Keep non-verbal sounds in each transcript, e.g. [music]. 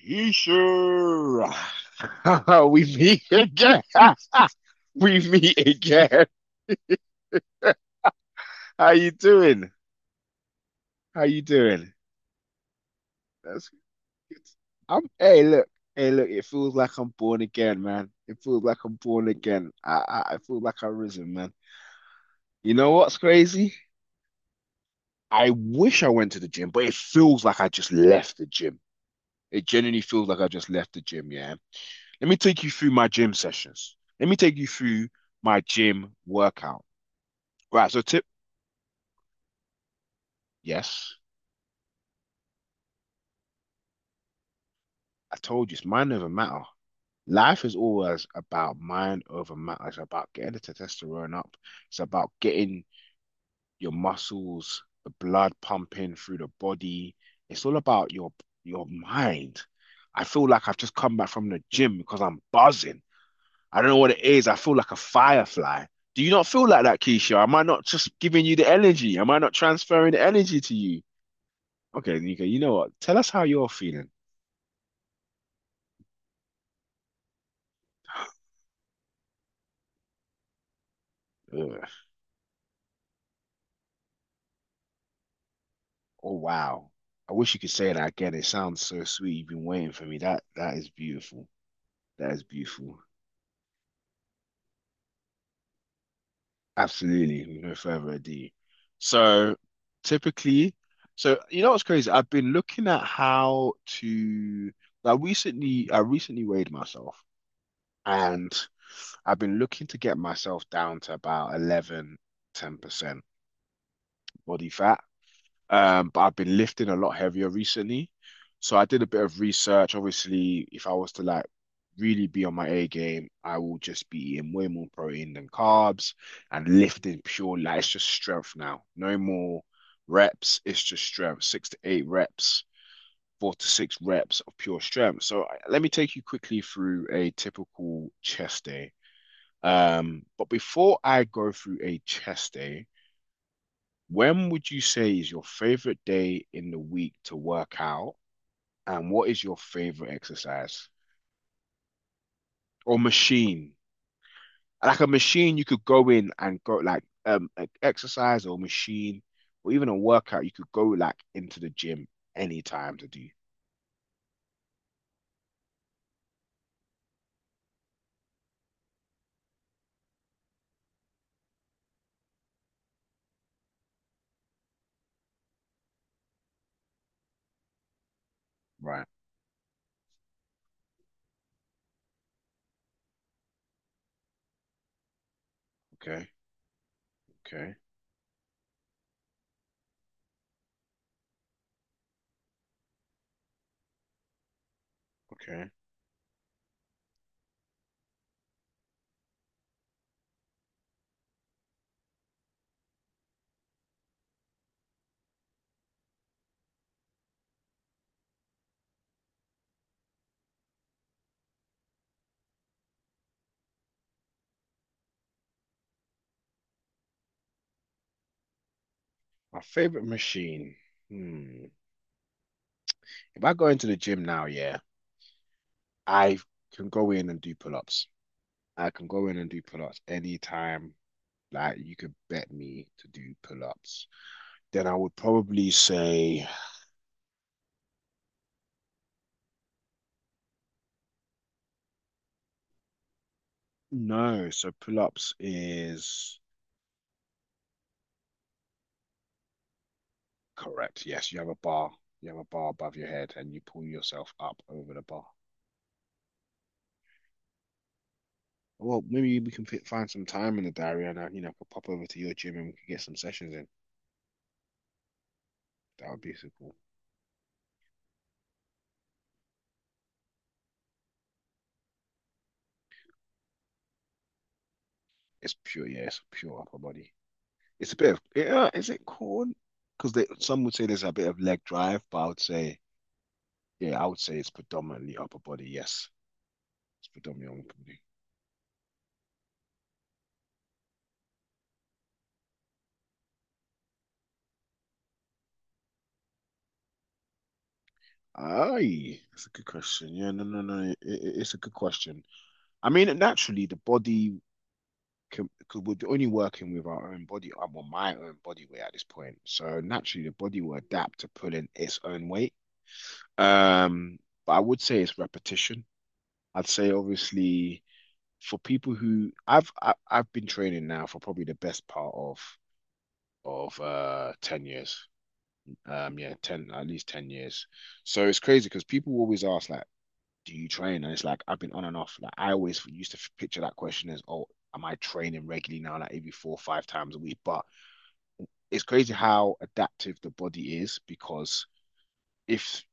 He sure. [laughs] We meet again. [laughs] We meet again. [laughs] How you doing? How you doing? That's good. I'm hey look. Hey look, it feels like I'm born again, man. It feels like I'm born again. I feel like I've risen, man. You know what's crazy? I wish I went to the gym, but it feels like I just left the gym. It genuinely feels like I just left the gym, yeah. Let me take you through my gym sessions. Let me take you through my gym workout. Right, so tip, yes, I told you it's mind over matter. Life is always about mind over matter. It's about getting the testosterone up. It's about getting your muscles, the blood pumping through the body. It's all about your mind. I feel like I've just come back from the gym because I'm buzzing. I don't know what it is. I feel like a firefly. Do you not feel like that, Keisha? Am I not just giving you the energy? Am I not transferring the energy to you? Okay, Nika, you know what? Tell us how you're feeling. Ugh. Oh wow. I wish you could say that again. It sounds so sweet. You've been waiting for me. That is beautiful. That is beautiful. Absolutely. With no further ado. So typically, so you know what's crazy? I've been looking at how to I recently weighed myself and I've been looking to get myself down to about eleven ten percent body fat. But I've been lifting a lot heavier recently. So I did a bit of research. Obviously, if I was to like really be on my A game, I will just be eating way more protein than carbs and lifting pure like it's just strength now. No more reps, it's just strength. Six to eight reps, four to six reps of pure strength. Let me take you quickly through a typical chest day. But before I go through a chest day, when would you say is your favorite day in the week to work out? And what is your favorite exercise or machine? Like a machine you could go in and go like an exercise or machine or even a workout you could go like into the gym anytime to do. Right. Okay. Okay. Okay. My favorite machine. Hmm. If I go into the gym now, yeah, I can go in and do pull-ups. I can go in and do pull-ups anytime. Like you could bet me to do pull-ups. Then I would probably say no. So pull-ups is correct. Yes, you have a bar. You have a bar above your head and you pull yourself up over the bar. Well, maybe we can find some time in the diary and I could pop over to your gym and we could get some sessions in. That would be so cool. It's pure, yeah, it's pure upper body. It's a bit of, yeah, is it corn? Because they some would say there's a bit of leg drive, but I would say, yeah, I would say it's predominantly upper body. Yes, it's predominantly upper body. Aye, that's a good question. Yeah, no, no, no. It's a good question. I mean, naturally, the body can, could, we're only working with our own body, well, my own body weight at this point. So naturally, the body will adapt to pulling its own weight. Um, but I would say it's repetition. I'd say obviously for people who I've been training now for probably the best part of 10 years. Yeah, 10 at least 10 years. So it's crazy because people always ask like, do you train? And it's like I've been on and off. Like I always used to picture that question as, oh, am I training regularly now, like every four or five times a week? But it's crazy how adaptive the body is because if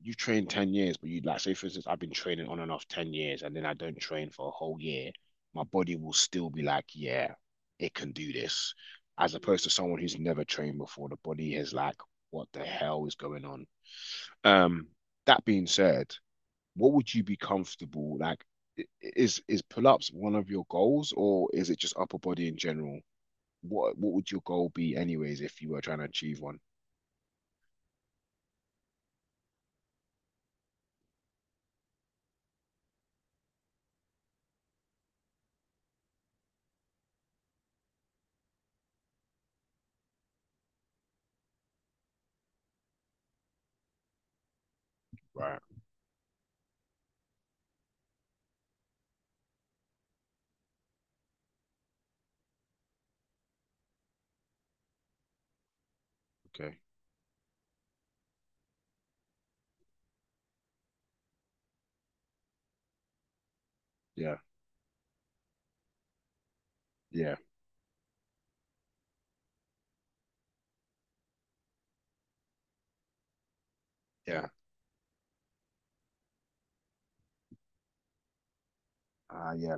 you train 10 years, but you like say for instance, I've been training on and off 10 years and then I don't train for a whole year, my body will still be like, yeah, it can do this. As opposed to someone who's never trained before, the body is like, what the hell is going on? Um, that being said, what would you be comfortable like? Is pull-ups one of your goals, or is it just upper body in general? What would your goal be, anyways, if you were trying to achieve one? Right. Okay. Yeah. Yeah. Yeah. Ah. Yeah.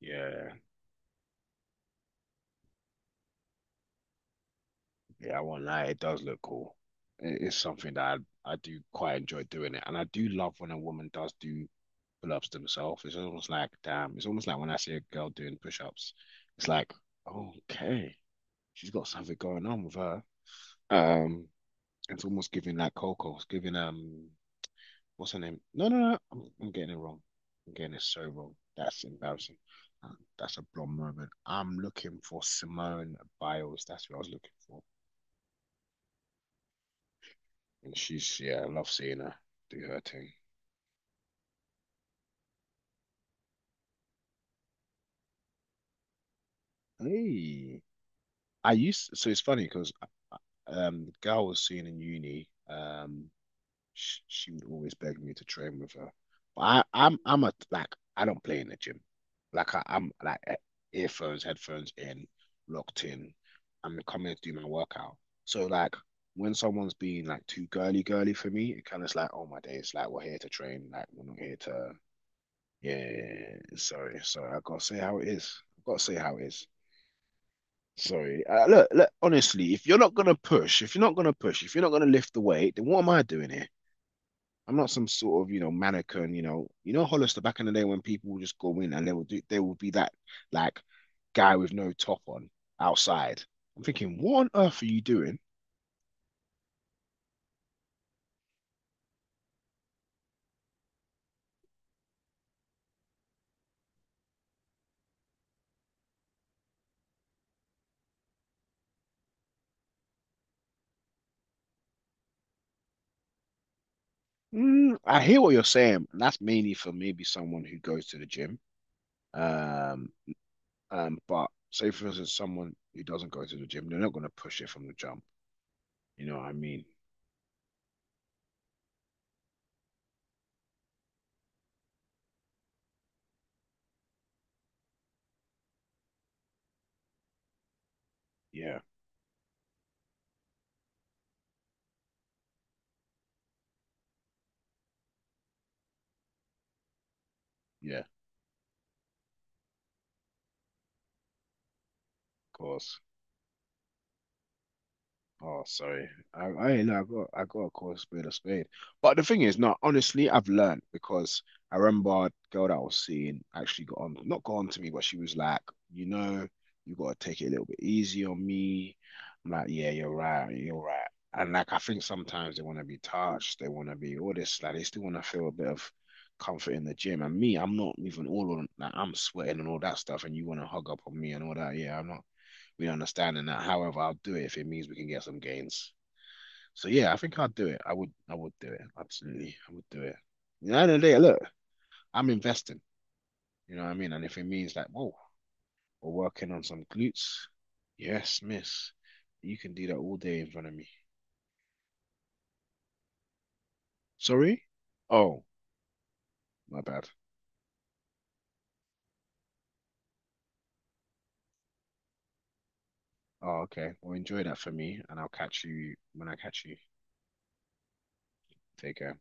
Yeah. Yeah. I won't lie. It does look cool. It is something that I do quite enjoy doing it, and I do love when a woman does do pull-ups themselves. It's almost like damn. It's almost like when I see a girl doing push-ups. It's like okay. She's got something going on with her. Um, it's almost giving like Coco. It's giving what's her name? No, no, no. I'm getting it wrong. I'm getting it so wrong. That's embarrassing. That's a blonde moment. I'm looking for Simone Biles. That's what I was looking for. And she's yeah, I love seeing her do her thing. Hey, I used so it's funny because the girl I was seeing in uni. She would always beg me to train with her. But I, I'm a like I don't play in the gym. Like I, I'm like earphones, headphones in, locked in. I'm coming to do my workout. So like when someone's being like too girly girly for me, it kind of like oh my days, like we're here to train, like we're not here to. Yeah. Sorry, sorry, I gotta say how it is. I gotta say how it is. Sorry. Look, honestly, if you're not gonna push, if you're not gonna push, if you're not gonna lift the weight, then what am I doing here? I'm not some sort of mannequin. You know Hollister back in the day when people would just go in and they would be that like guy with no top on outside. I'm thinking, what on earth are you doing? I hear what you're saying. And that's mainly for maybe someone who goes to the gym. Um, but say for instance, someone who doesn't go to the gym, they're not gonna push it from the jump. You know what I mean? Yeah, yeah. Course. Oh, sorry. I ain't know. I got a course a spade a spade. But the thing is, no, honestly, I've learned because I remember a girl that I was seeing actually got on, not got on to me, but she was like, you know, you got to take it a little bit easy on me. I'm like, yeah, you're right. You're right. And like, I think sometimes they want to be touched. They want to be all this. Like, they still want to feel a bit of comfort in the gym. And me, I'm not even all on, like, I'm sweating and all that stuff. And you want to hug up on me and all that. Yeah, I'm not we understand in that. However, I'll do it if it means we can get some gains. So yeah, I think I'd do it. I would do it. Absolutely. I would do it. You know, at the end of the day, look, I'm investing. You know what I mean? And if it means like, whoa, we're working on some glutes. Yes, miss. You can do that all day in front of me. Sorry? Oh, my bad. Oh, okay. Well, enjoy that for me, and I'll catch you when I catch you. Take care.